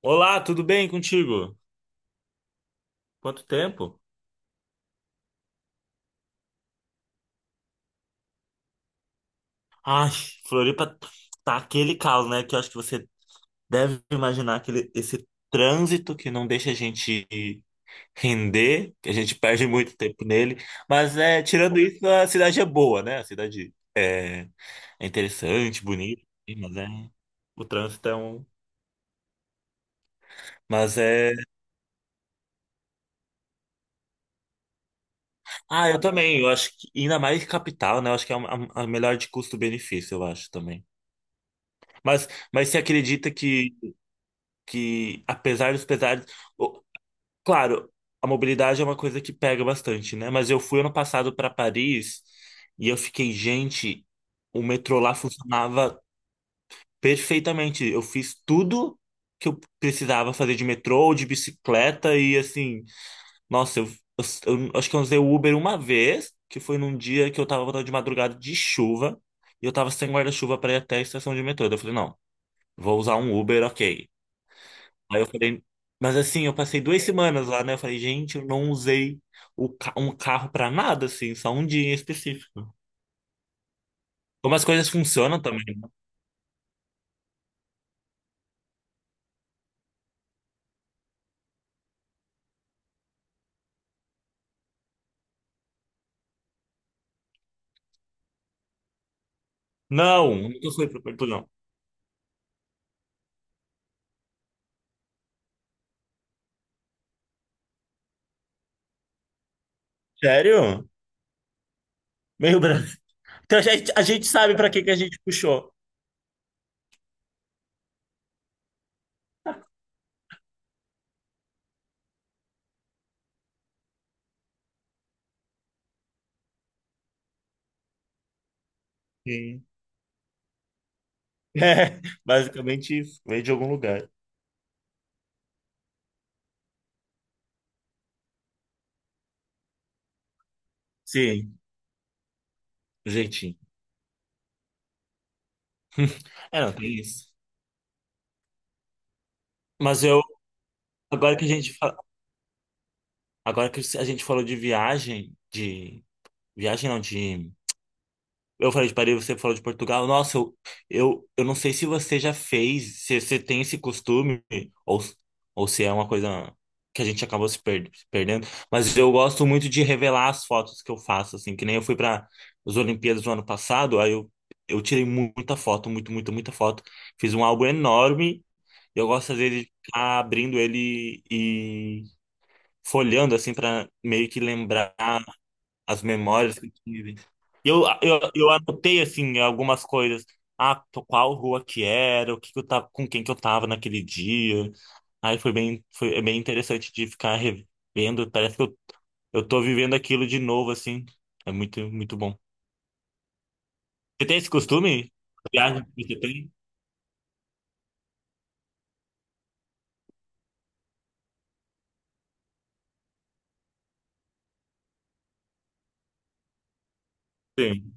Olá, tudo bem contigo? Quanto tempo? Ai, Floripa tá aquele caos, né? Que eu acho que você deve imaginar esse trânsito que não deixa a gente render, que a gente perde muito tempo nele. Mas é, tirando isso, a cidade é boa, né? A cidade é, é interessante, bonita, mas é, o trânsito é um. Mas é. Ah, eu também. Eu acho que ainda mais capital, né? Eu acho que é a melhor de custo-benefício, eu acho também. Mas, mas você acredita que apesar dos pesares, o- claro, a mobilidade é uma coisa que pega bastante, né? Mas eu fui ano passado para Paris e eu fiquei, gente, o metrô lá funcionava perfeitamente. Eu fiz tudo que eu precisava fazer de metrô, ou de bicicleta e assim, nossa, eu acho que eu usei o Uber uma vez, que foi num dia que eu tava voltando de madrugada de chuva. E eu tava sem guarda-chuva para ir até a estação de metrô. Daí eu falei, não, vou usar um Uber, ok. Aí eu falei, mas assim, eu passei duas semanas lá, né? Eu falei, gente, eu não usei um carro pra nada, assim, só um dia em específico. Como as coisas funcionam também, né? Não, nunca fui pra Portugal. Sério? Meio branco. Então a gente sabe pra que que a gente puxou. Sim. É, basicamente isso. Veio de algum lugar. Sim, jeitinho. É, não, tem isso. Mas eu, agora que a gente, fa- agora que a gente falou de viagem não, de eu falei de Paris, você falou de Portugal. Nossa, eu não sei se você já fez, se você tem esse costume, ou, ou se é uma coisa que a gente acabou se perdendo, mas eu gosto muito de revelar as fotos que eu faço, assim, que nem eu fui para as Olimpíadas do ano passado, aí eu tirei muita foto, muito, muita, muita foto. Fiz um álbum enorme, e eu gosto às vezes de ficar abrindo ele e folheando, assim, para meio que lembrar as memórias que eu tive. Eu anotei, assim, algumas coisas. Ah, qual rua que era, o que que eu tava, com quem que eu tava naquele dia. Aí foi é bem interessante de ficar revendo. Parece que eu tô vivendo aquilo de novo, assim. É muito, muito bom. Você tem esse costume? Viagem que você tem? Sim.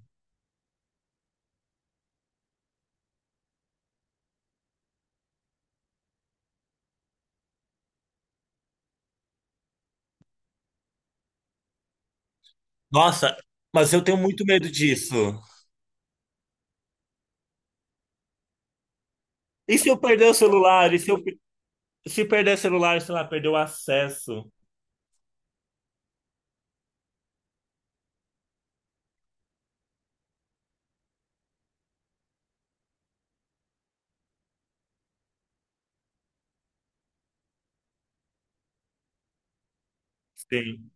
Nossa, mas eu tenho muito medo disso. E se eu perder o celular? E se se perder o celular, sei lá, perder o acesso? Sim.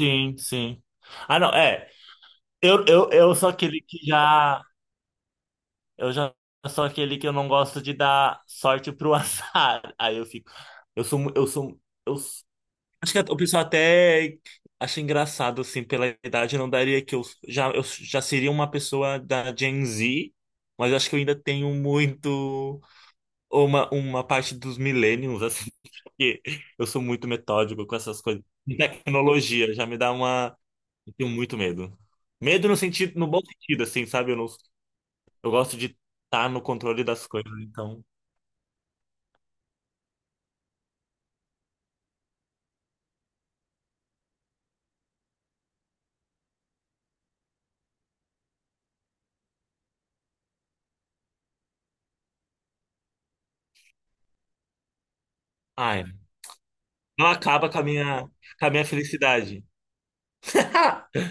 Sim, sim. Ah, não, é. Eu sou aquele que já. Eu já sou aquele que eu não gosto de dar sorte pro azar. Aí eu fico. Eu sou. Eu sou. Eu, s- Acho que o pessoal até acha engraçado, assim, pela idade. Eu não daria que eu já seria uma pessoa da Gen Z, mas eu acho que eu ainda tenho muito. Uma parte dos millennials, assim, porque eu sou muito metódico com essas coisas. Tecnologia já me dá uma. Eu tenho muito medo. Medo no sentido, no bom sentido, assim, sabe? Eu não, eu gosto de estar no controle das coisas, então. Ai, não acaba com a minha felicidade.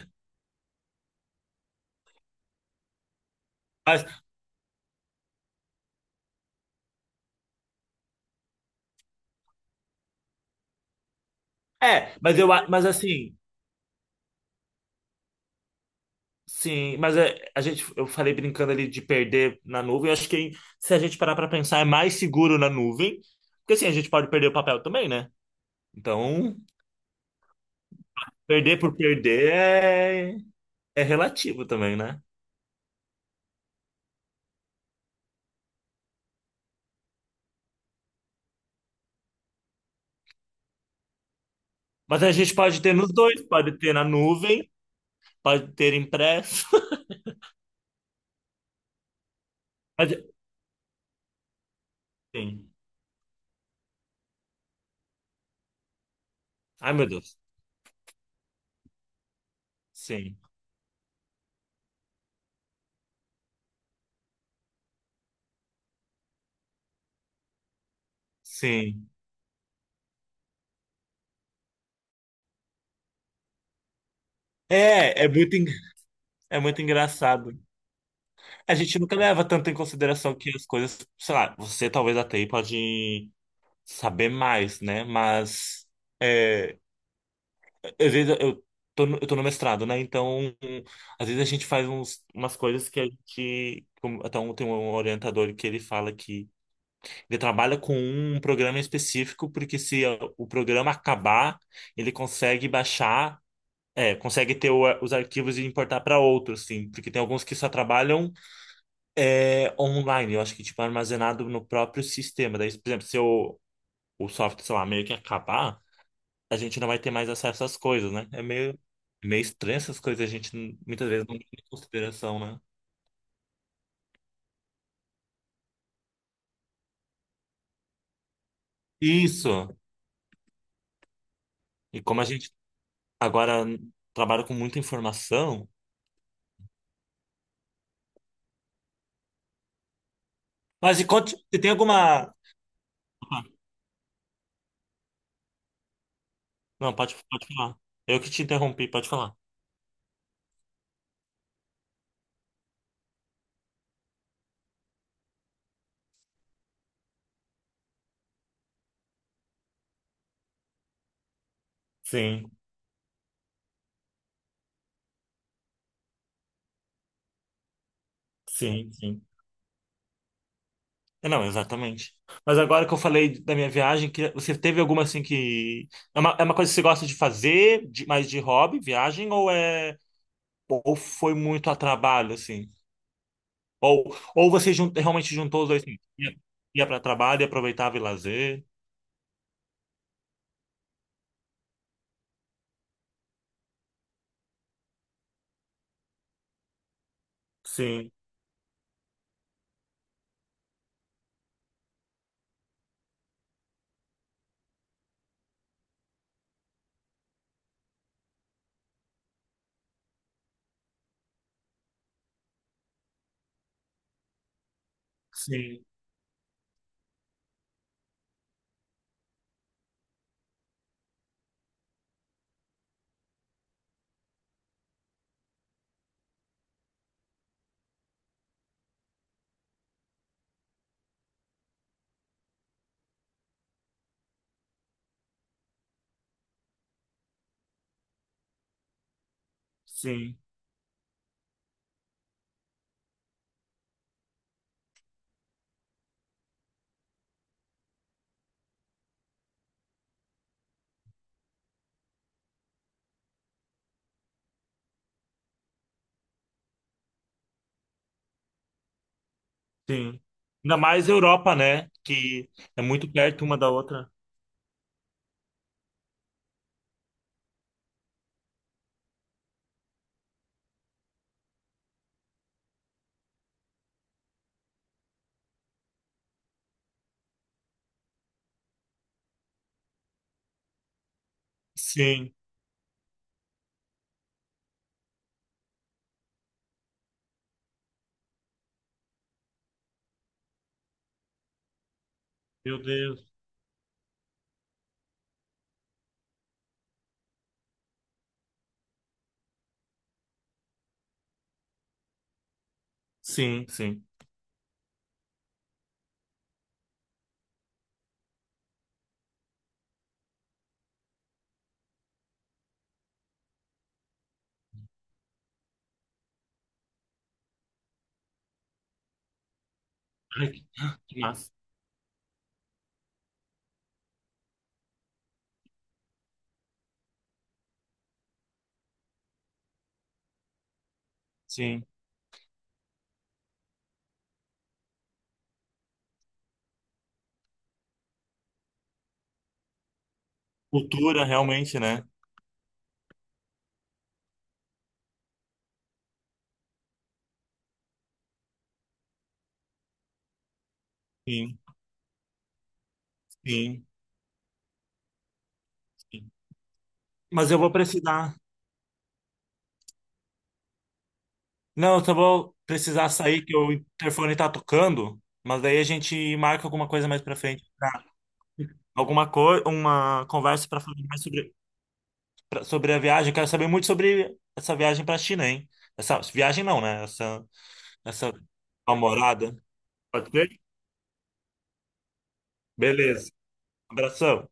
Mas, é, mas assim, sim, mas é, eu falei brincando ali de perder na nuvem. Eu acho que hein, se a gente parar pra pensar, é mais seguro na nuvem, porque assim, a gente pode perder o papel também, né? Então, perder por perder é, é relativo também, né? Mas a gente pode ter nos dois, pode ter na nuvem, pode ter impresso. Mas, sim. Ai, meu Deus. Sim. Sim. É, é muito, en- é muito engraçado. A gente nunca leva tanto em consideração que as coisas, sei lá, você talvez até aí pode saber mais, né? Mas é, às vezes eu tô no mestrado, né? Então, às vezes a gente faz umas coisas que a gente. Até um, tem um orientador que ele fala que ele trabalha com um programa específico, porque se o programa acabar, ele consegue baixar. É, consegue ter os arquivos e importar para outros, sim, porque tem alguns que só trabalham é, online, eu acho que tipo armazenado no próprio sistema. Daí, por exemplo, se o software, sei lá, meio que acabar, a gente não vai ter mais acesso às coisas, né? É meio, meio estranho essas coisas, a gente não- muitas vezes não tem em consideração, né? Isso. E como a gente agora trabalha com muita informação, mas e conte, você tem alguma. Não, pode, pode falar. Eu que te interrompi, pode falar. Sim, sim, sim. É, não, exatamente. Mas agora que eu falei da minha viagem, que você teve alguma assim que. É uma coisa que você gosta de fazer, de, mais de hobby, viagem, ou é. Ou foi muito a trabalho, assim? Ou, ou você realmente juntou os dois, assim, ia para trabalho e aproveitava e lazer? Sim, sim, sim, sim. Ainda mais Europa, né? Que é muito perto uma da outra. Sim, meu Deus. Sim, sim. Ai, que massa. Sim. Cultura, realmente, né? Sim. Sim, sim. Mas eu vou precisar. Não, eu só vou precisar sair que o interfone tá tocando, mas daí a gente marca alguma coisa mais pra frente, alguma coisa, uma conversa pra falar mais sobre sobre a viagem. Eu quero saber muito sobre essa viagem pra China, hein? Essa viagem não, né? Essa namorada. Pode ser? Beleza. Abração.